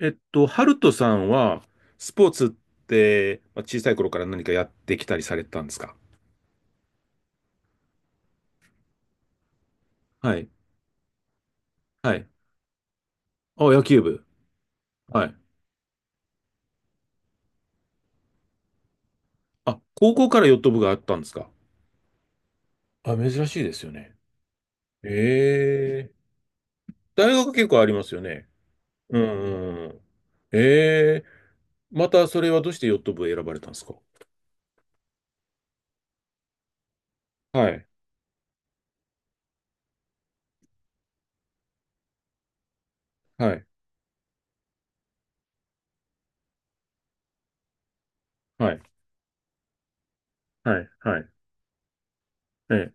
ハルトさんは、スポーツって、まあ、小さい頃から何かやってきたりされてたんですか？はい。はい。あ、野球部。はい。あ、高校からヨット部があったんですか？あ、珍しいですよね。ええ。大学結構ありますよね。うんうんうん。ええ。またそれはどうしてヨット部を選ばれたんですか？はい。はい。はい。はい。はい。ええ。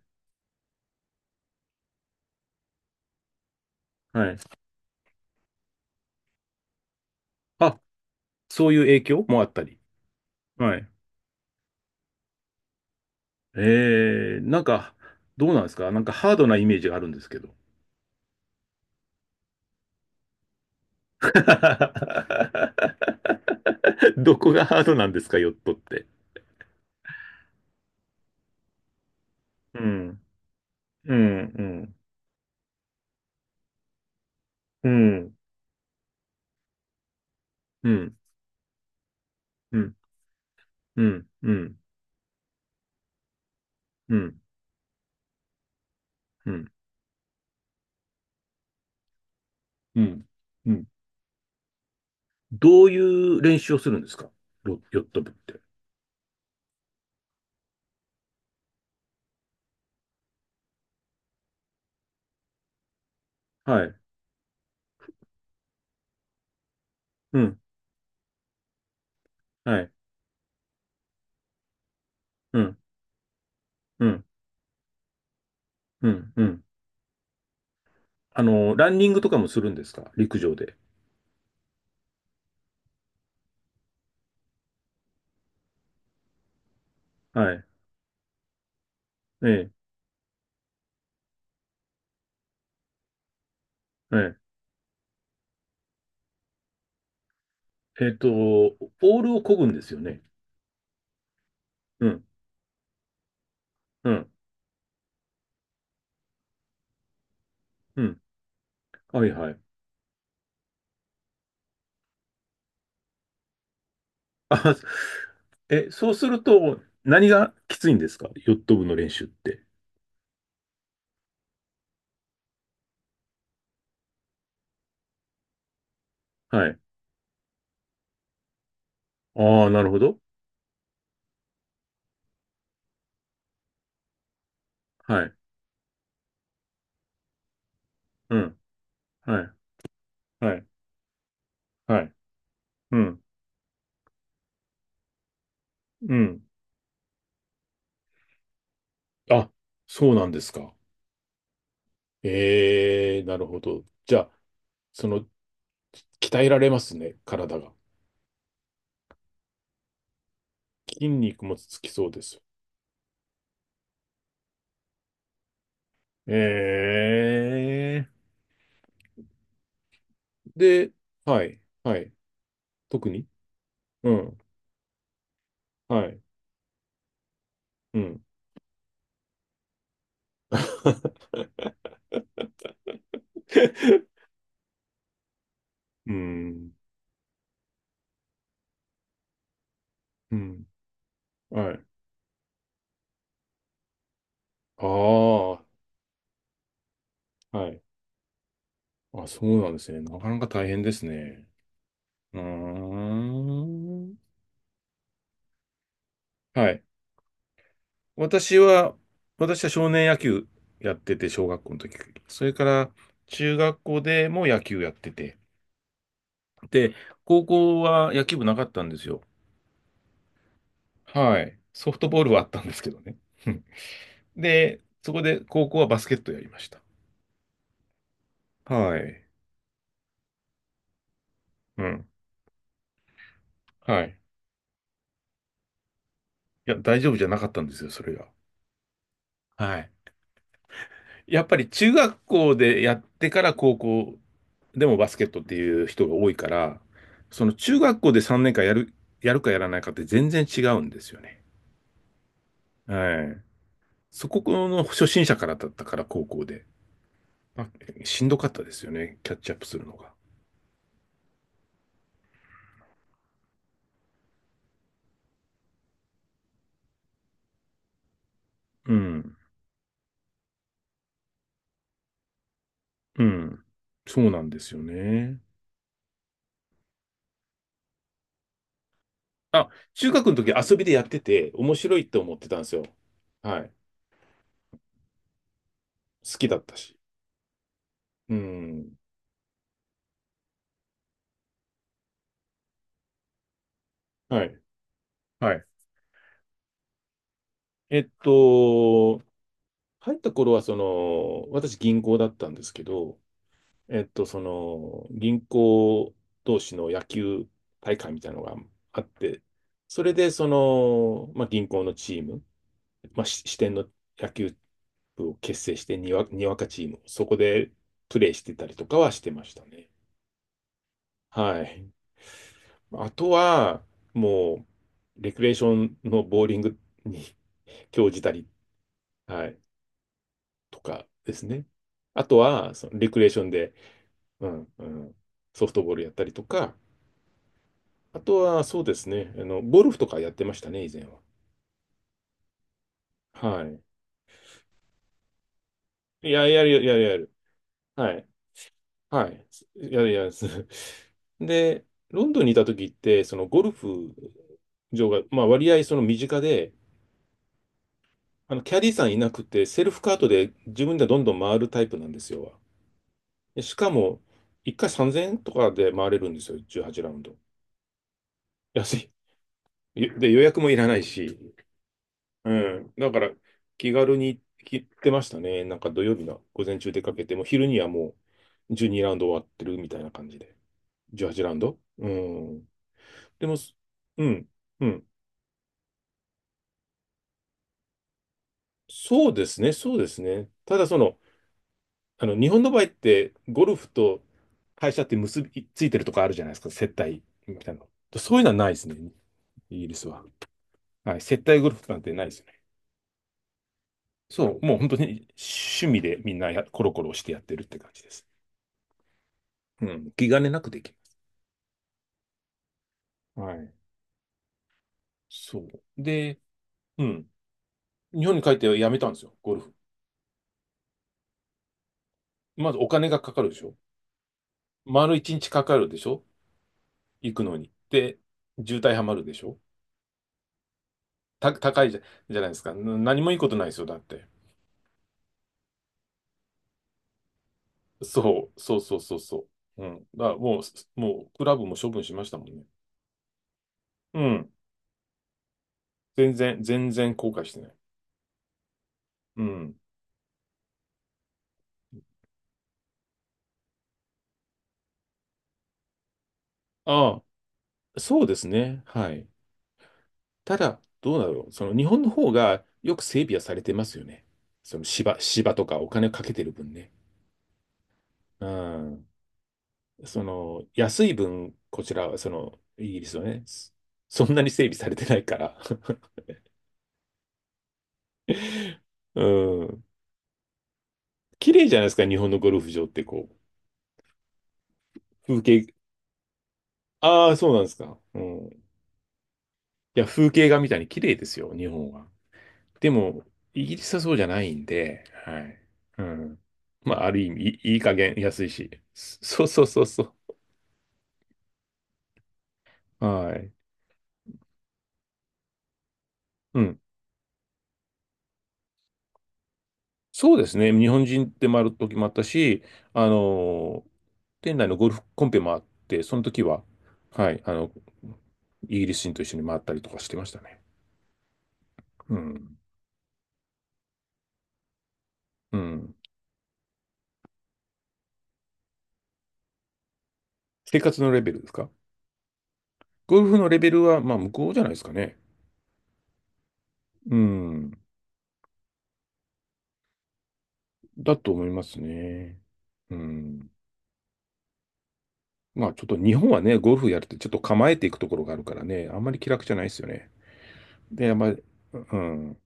はい。あ、そういう影響もあったり。はい。なんか、どうなんですか？なんかハードなイメージがあるんですけど。どこがハードなんですか、ヨットって。うん、うん、うん、うん、うん、うん、うん、うん、うん、うん、うん。どういう練習をするんですか？ヨット部って。はい、うん、はい、うん、うん、うん、うん。あの、ランニングとかもするんですか？陸上で。はい、ええ、ええ。オールを漕ぐんですよね。うんうん。うん。はいはい。あ、え、そうすると、何がきついんですか？ヨット部の練習って。はい。ああ、なるほど。はい。うん。はい。はい。はい。うん。うん。あ、そうなんですか？ええ、なるほど。じゃあ、その、鍛えられますね、体が。筋肉もつきそうです。ええ。で、はい。はい。特にうん。はい。うん。うん。うん。はい。ああ、はい。あ、そうなんですね。なかなか大変ですね。うーん。はい。私は、私は少年野球やってて、小学校の時。それから、中学校でも野球やってて。で、高校は野球部なかったんですよ。はい。ソフトボールはあったんですけどね。で、そこで高校はバスケットやりました。はい。うん。はい。いや、大丈夫じゃなかったんですよ、それが。はい。やっぱり中学校でやってから高校でもバスケットっていう人が多いから、その中学校で3年間やる、やるかやらないかって全然違うんですよね。はい。そこの初心者からだったから高校で。まあ、しんどかったですよね。キャッチアップするのが。うん。うん。そうなんですよね。あ、中学の時遊びでやってて面白いって思ってたんですよ。はい。好きだったし。うん。はい。はい。えっと、入った頃は、その、私銀行だったんですけど、銀行同士の野球大会みたいなのがあって、それで、その、まあ、銀行のチーム、まあ、支店の野球部を結成して、にわかチーム、そこでプレーしてたりとかはしてましたね。はい。あとは、もう、レクレーションのボーリングに 興じたり、はい、とかですね。あとは、そのレクレーションで、うんうん、ソフトボールやったりとか、あとはそうですね、あの、ゴルフとかやってましたね、以前は。はい。いや、やるやるやるやる。はい。はい。やるやる。で、ロンドンにいた時って、そのゴルフ場が、まあ割合その身近で、あの、キャディーさんいなくて、セルフカートで自分でどんどん回るタイプなんですよ。でしかも、1回3000円とかで回れるんですよ、18ラウンド。安い。で、予約もいらないし。うん。だから、気軽に行ってましたね。なんか土曜日の午前中出かけて、もう昼にはもう12ラウンド終わってるみたいな感じで。18ラウンド。うん。でも、すうん、うん、そうですね、そうですね。ただその、あの、日本の場合って、ゴルフと会社って結びついてるとかあるじゃないですか、接待みたいなの。そういうのはないですね、イギリスは。はい、接待ゴルフなんてないですよね。そう、もう本当に趣味でみんなコロコロしてやってるって感じです。うん、気兼ねなくできる。はい。そう。で、うん。日本に帰ってやめたんですよ、ゴルフ。まずお金がかかるでしょ。丸一日かかるでしょ。行くのに。で、渋滞はまるでしょ。高いじゃないですか。何もいいことないですよ、だって。そう、そうそうそうそう。うん。だからもう、クラブも処分しましたもんね。うん。全然、全然後悔してない。うん。ああ、そうですね。はい。ただ、どうだろう。その日本の方がよく整備はされてますよね。その芝とかお金かけてる分ね。うん。その安い分、こちらはそのイギリスはね、そんなに整備されてないから。うん。綺麗じゃないですか、日本のゴルフ場ってこう、風景、ああ、そうなんですか。うん。いや、風景画みたいに綺麗ですよ、日本は。でも、イギリスはそうじゃないんで、はい。うん。まあ、ある意味、いい加減安いし。そうそうそうそうはい。うん。そうですね。日本人で回る時もあったし、あの店内のゴルフコンペもあって、その時は、はい、あの、イギリス人と一緒に回ったりとかしてましたね。うん。うん。生活のレベルですか？ゴルフのレベルは、まあ、向こうじゃないですかね。うん。だと思いますね。うん。まあ、ちょっと日本はね、ゴルフやるってちょっと構えていくところがあるからね、あんまり気楽じゃないですよね。で、あんまり、うん。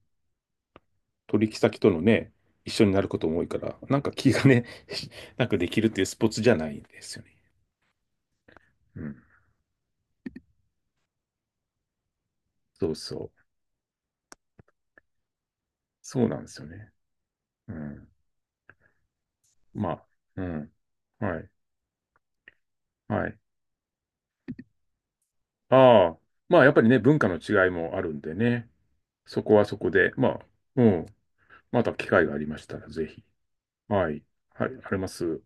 取引先とのね、一緒になることも多いから、なんか気がね、なんかできるっていうスポーツじゃないんですよね。うん。そうそう。そうなんですよね。うん。まあ、うん。はい。はい。ああ。まあ、やっぱりね、文化の違いもあるんでね。そこはそこで、まあ、うん。また機会がありましたら、ぜひ。はい。はい、あります。